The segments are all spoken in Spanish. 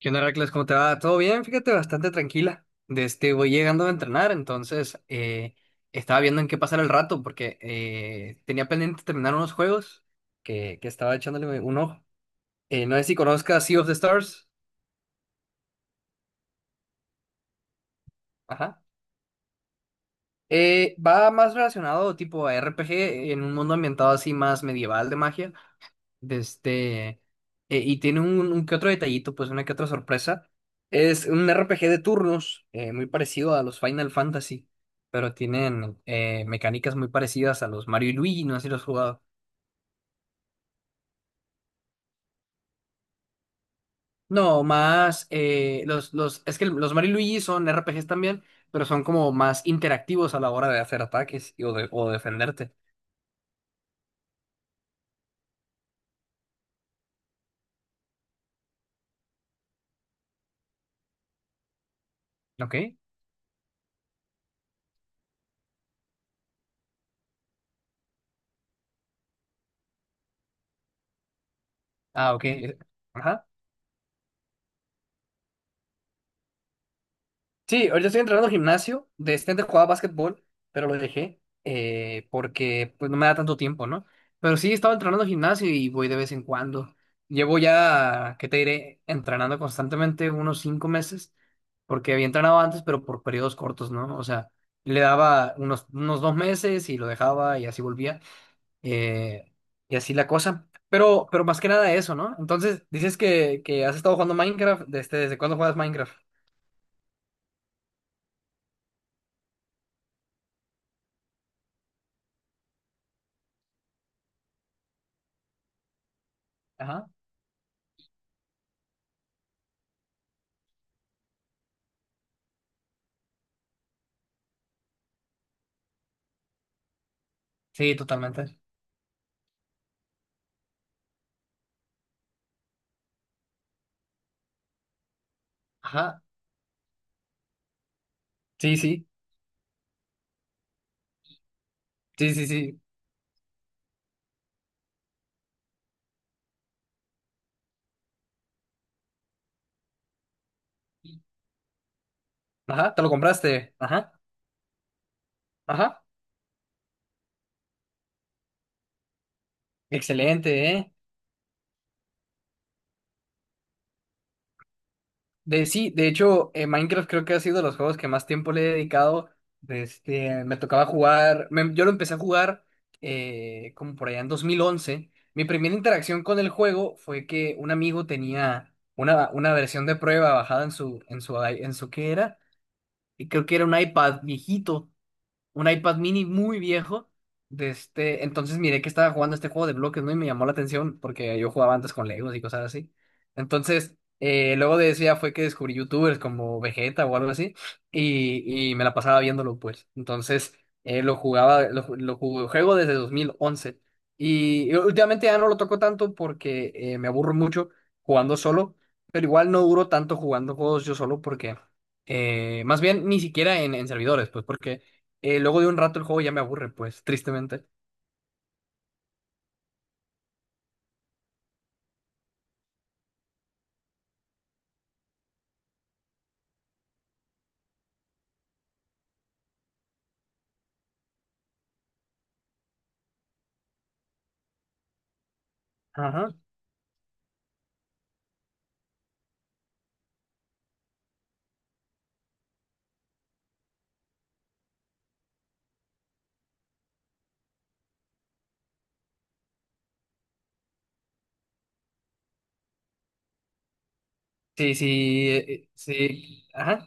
¿Qué onda, Heracles? ¿Cómo te va? ¿Todo bien? Fíjate, bastante tranquila. De este, voy llegando a entrenar, entonces estaba viendo en qué pasar el rato porque tenía pendiente terminar unos juegos que estaba echándole un ojo. No sé si conozcas Sea of the Stars. Ajá. Va más relacionado tipo a RPG en un mundo ambientado así más medieval de magia. De este, y tiene un que otro detallito, pues una que otra sorpresa. Es un RPG de turnos, muy parecido a los Final Fantasy, pero tienen mecánicas muy parecidas a los Mario y Luigi, no sé si los has jugado. No, más, es que los Mario y Luigi son RPGs también, pero son como más interactivos a la hora de hacer ataques o, o defenderte. ¿Ok? Ah, ok. Ajá. Sí, ahorita estoy entrenando gimnasio. De este antes jugaba básquetbol, pero lo dejé porque pues no me da tanto tiempo, ¿no? Pero sí, estaba entrenando gimnasio y voy de vez en cuando. Llevo ya, ¿qué te diré? Entrenando constantemente unos 5 meses, porque había entrenado antes, pero por periodos cortos, ¿no? O sea, le daba unos 2 meses y lo dejaba y así volvía. eh, y así la cosa. Pero más que nada eso, ¿no? Entonces, dices que has estado jugando Minecraft. ¿Desde cuándo juegas Minecraft? Ajá. Sí, totalmente. Ajá, sí, sí, sí, sí, sí. Ajá, te lo compraste. Ajá, ajá. Excelente, ¿eh? Sí, de hecho, Minecraft creo que ha sido de los juegos que más tiempo le he dedicado. Este, me tocaba jugar, yo lo empecé a jugar como por allá en 2011. Mi primera interacción con el juego fue que un amigo tenía una versión de prueba bajada en su, ¿qué era? Y creo que era un iPad viejito. Un iPad mini muy viejo. De este, entonces miré que estaba jugando este juego de bloques, ¿no? Y me llamó la atención porque yo jugaba antes con Legos y cosas así. Entonces, luego de eso ya fue que descubrí YouTubers como Vegeta o algo así y me la pasaba viéndolo, pues. Entonces, lo jugaba, lo, ju- lo jugué- juego desde 2011 y últimamente ya no lo toco tanto porque me aburro mucho jugando solo, pero igual no duro tanto jugando juegos yo solo porque. Más bien, ni siquiera en servidores, pues, porque luego de un rato el juego ya me aburre, pues, tristemente. Ajá. Sí, sí, sí, ajá.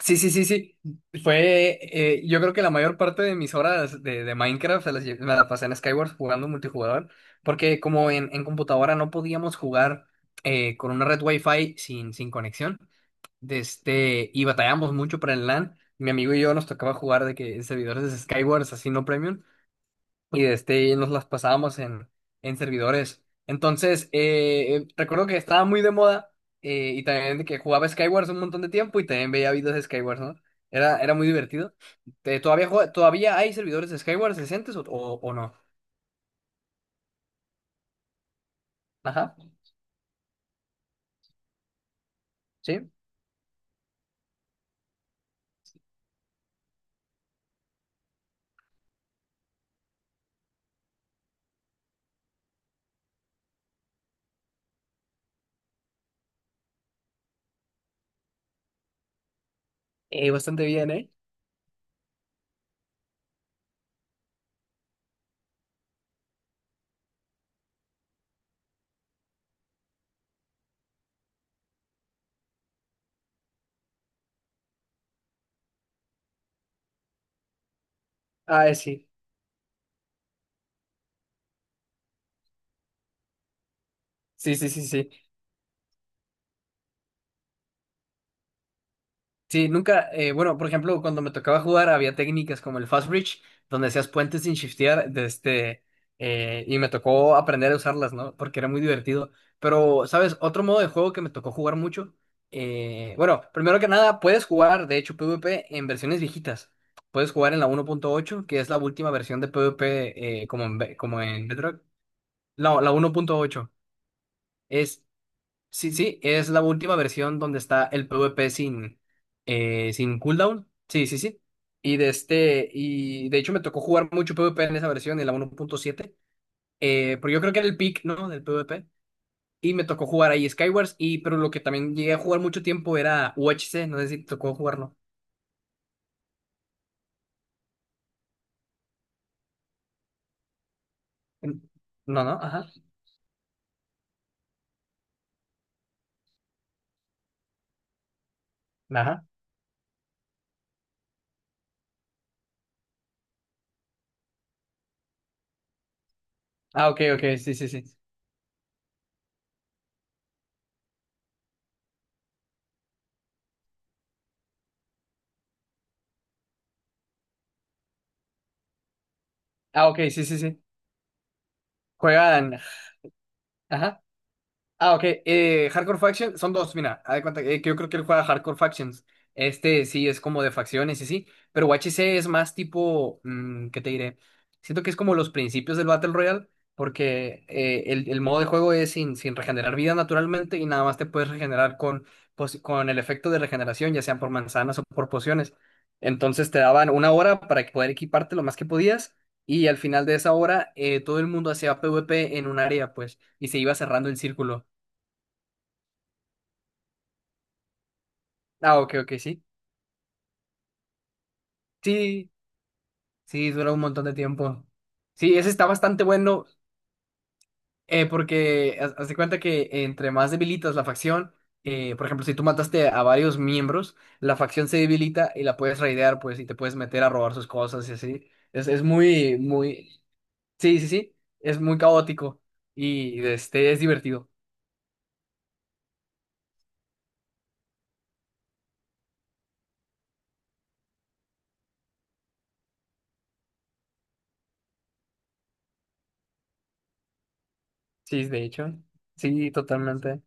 Sí, sí, sí, sí. Yo creo que la mayor parte de mis horas de Minecraft me la pasé en Skyward jugando multijugador, porque como en computadora no podíamos jugar con una red Wi-Fi sin conexión, de este, y batallamos mucho para el LAN. Mi amigo y yo nos tocaba jugar de que en servidores de Skyward, así no premium. Y este, y nos las pasábamos en servidores. Entonces, recuerdo que estaba muy de moda y también de que jugaba Skywars un montón de tiempo y también veía videos de Skywars, ¿no? Era muy divertido. ¿Todavía hay servidores de Skywars decentes o no? Ajá, sí. Bastante bien, ¿eh? Ah, sí. Sí, sí, sí, sí. Sí, nunca, bueno, por ejemplo, cuando me tocaba jugar había técnicas como el fast bridge, donde hacías puentes sin shiftear, de este, y me tocó aprender a usarlas, ¿no? Porque era muy divertido. Pero, ¿sabes? Otro modo de juego que me tocó jugar mucho, bueno, primero que nada, puedes jugar, de hecho, PvP en versiones viejitas. Puedes jugar en la 1.8, que es la última versión de PvP como en Bedrock. No, la 1.8. Es Sí, sí, es la última versión donde está el PvP sin cooldown. Sí, sí, sí. Y de este, y de hecho me tocó jugar mucho PvP en esa versión, en la 1.7. Pero yo creo que era el peak, ¿no? Del PvP. Y me tocó jugar ahí Skywars. Pero lo que también llegué a jugar mucho tiempo era UHC. No sé si te tocó jugarlo. En- No, no, ajá. Ajá. Ah, ok, ok, sí, sí, sí. Ah, ok, sí, sí, sí. Juegan. Ajá. Ah, ok. Hardcore Factions son dos, mira, haz de cuenta que yo creo que él juega Hardcore Factions. Este sí es como de facciones y sí, pero UHC es más tipo, ¿qué te diré? Siento que es como los principios del Battle Royale, porque el modo de juego es sin regenerar vida naturalmente y nada más te puedes regenerar con el efecto de regeneración, ya sean por manzanas o por pociones. Entonces te daban una hora para que poder equiparte lo más que podías y al final de esa hora todo el mundo hacía PvP en un área, pues, y se iba cerrando el círculo. Ah, ok, ok, sí. Sí, sí, dura un montón de tiempo. Sí, ese está bastante bueno porque haz de cuenta que entre más debilitas la facción, por ejemplo, si tú mataste a varios miembros, la facción se debilita y la puedes raidear, pues, y te puedes meter a robar sus cosas y así. Es muy, muy. Sí, sí, sí, es muy caótico y este, es divertido. Sí, de hecho. Sí, totalmente.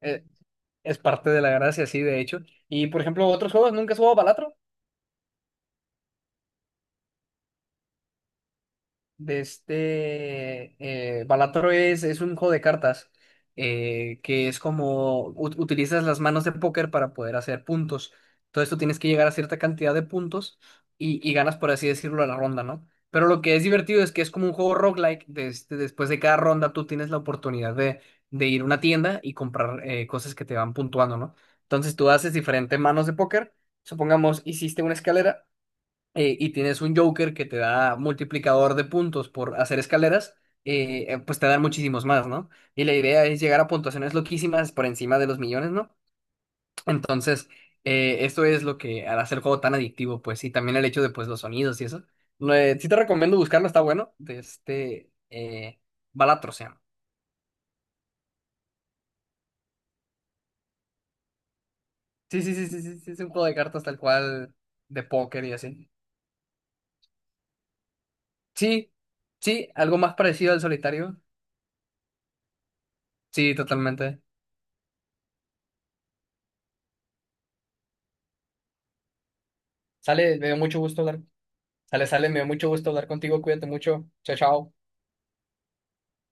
Eh, es parte de la gracia, sí, de hecho. Y, por ejemplo, otros juegos, ¿nunca has jugado Balatro? De este Balatro es un juego de cartas que es como utilizas las manos de póker para poder hacer puntos. Entonces tú tienes que llegar a cierta cantidad de puntos y ganas, por así decirlo, a la ronda, ¿no? Pero lo que es divertido es que es como un juego roguelike. Después de cada ronda tú tienes la oportunidad de ir a una tienda y comprar cosas que te van puntuando, ¿no? Entonces tú haces diferentes manos de póker. Supongamos, hiciste una escalera y tienes un Joker que te da multiplicador de puntos por hacer escaleras, pues te dan muchísimos más, ¿no? Y la idea es llegar a puntuaciones loquísimas por encima de los millones, ¿no? Entonces, esto es lo que hace el juego tan adictivo, pues, y también el hecho de, pues, los sonidos y eso. No, sí te recomiendo buscarlo, está bueno, de este Balatro se llama. Sí, sí, sí, sí, sí, sí, es un juego de cartas tal cual, de póker y así. Sí, sí, algo más parecido al solitario. Sí, totalmente. Sale, me dio mucho gusto hablar. Sale, sale, me dio mucho gusto hablar contigo, cuídate mucho, chao, chao.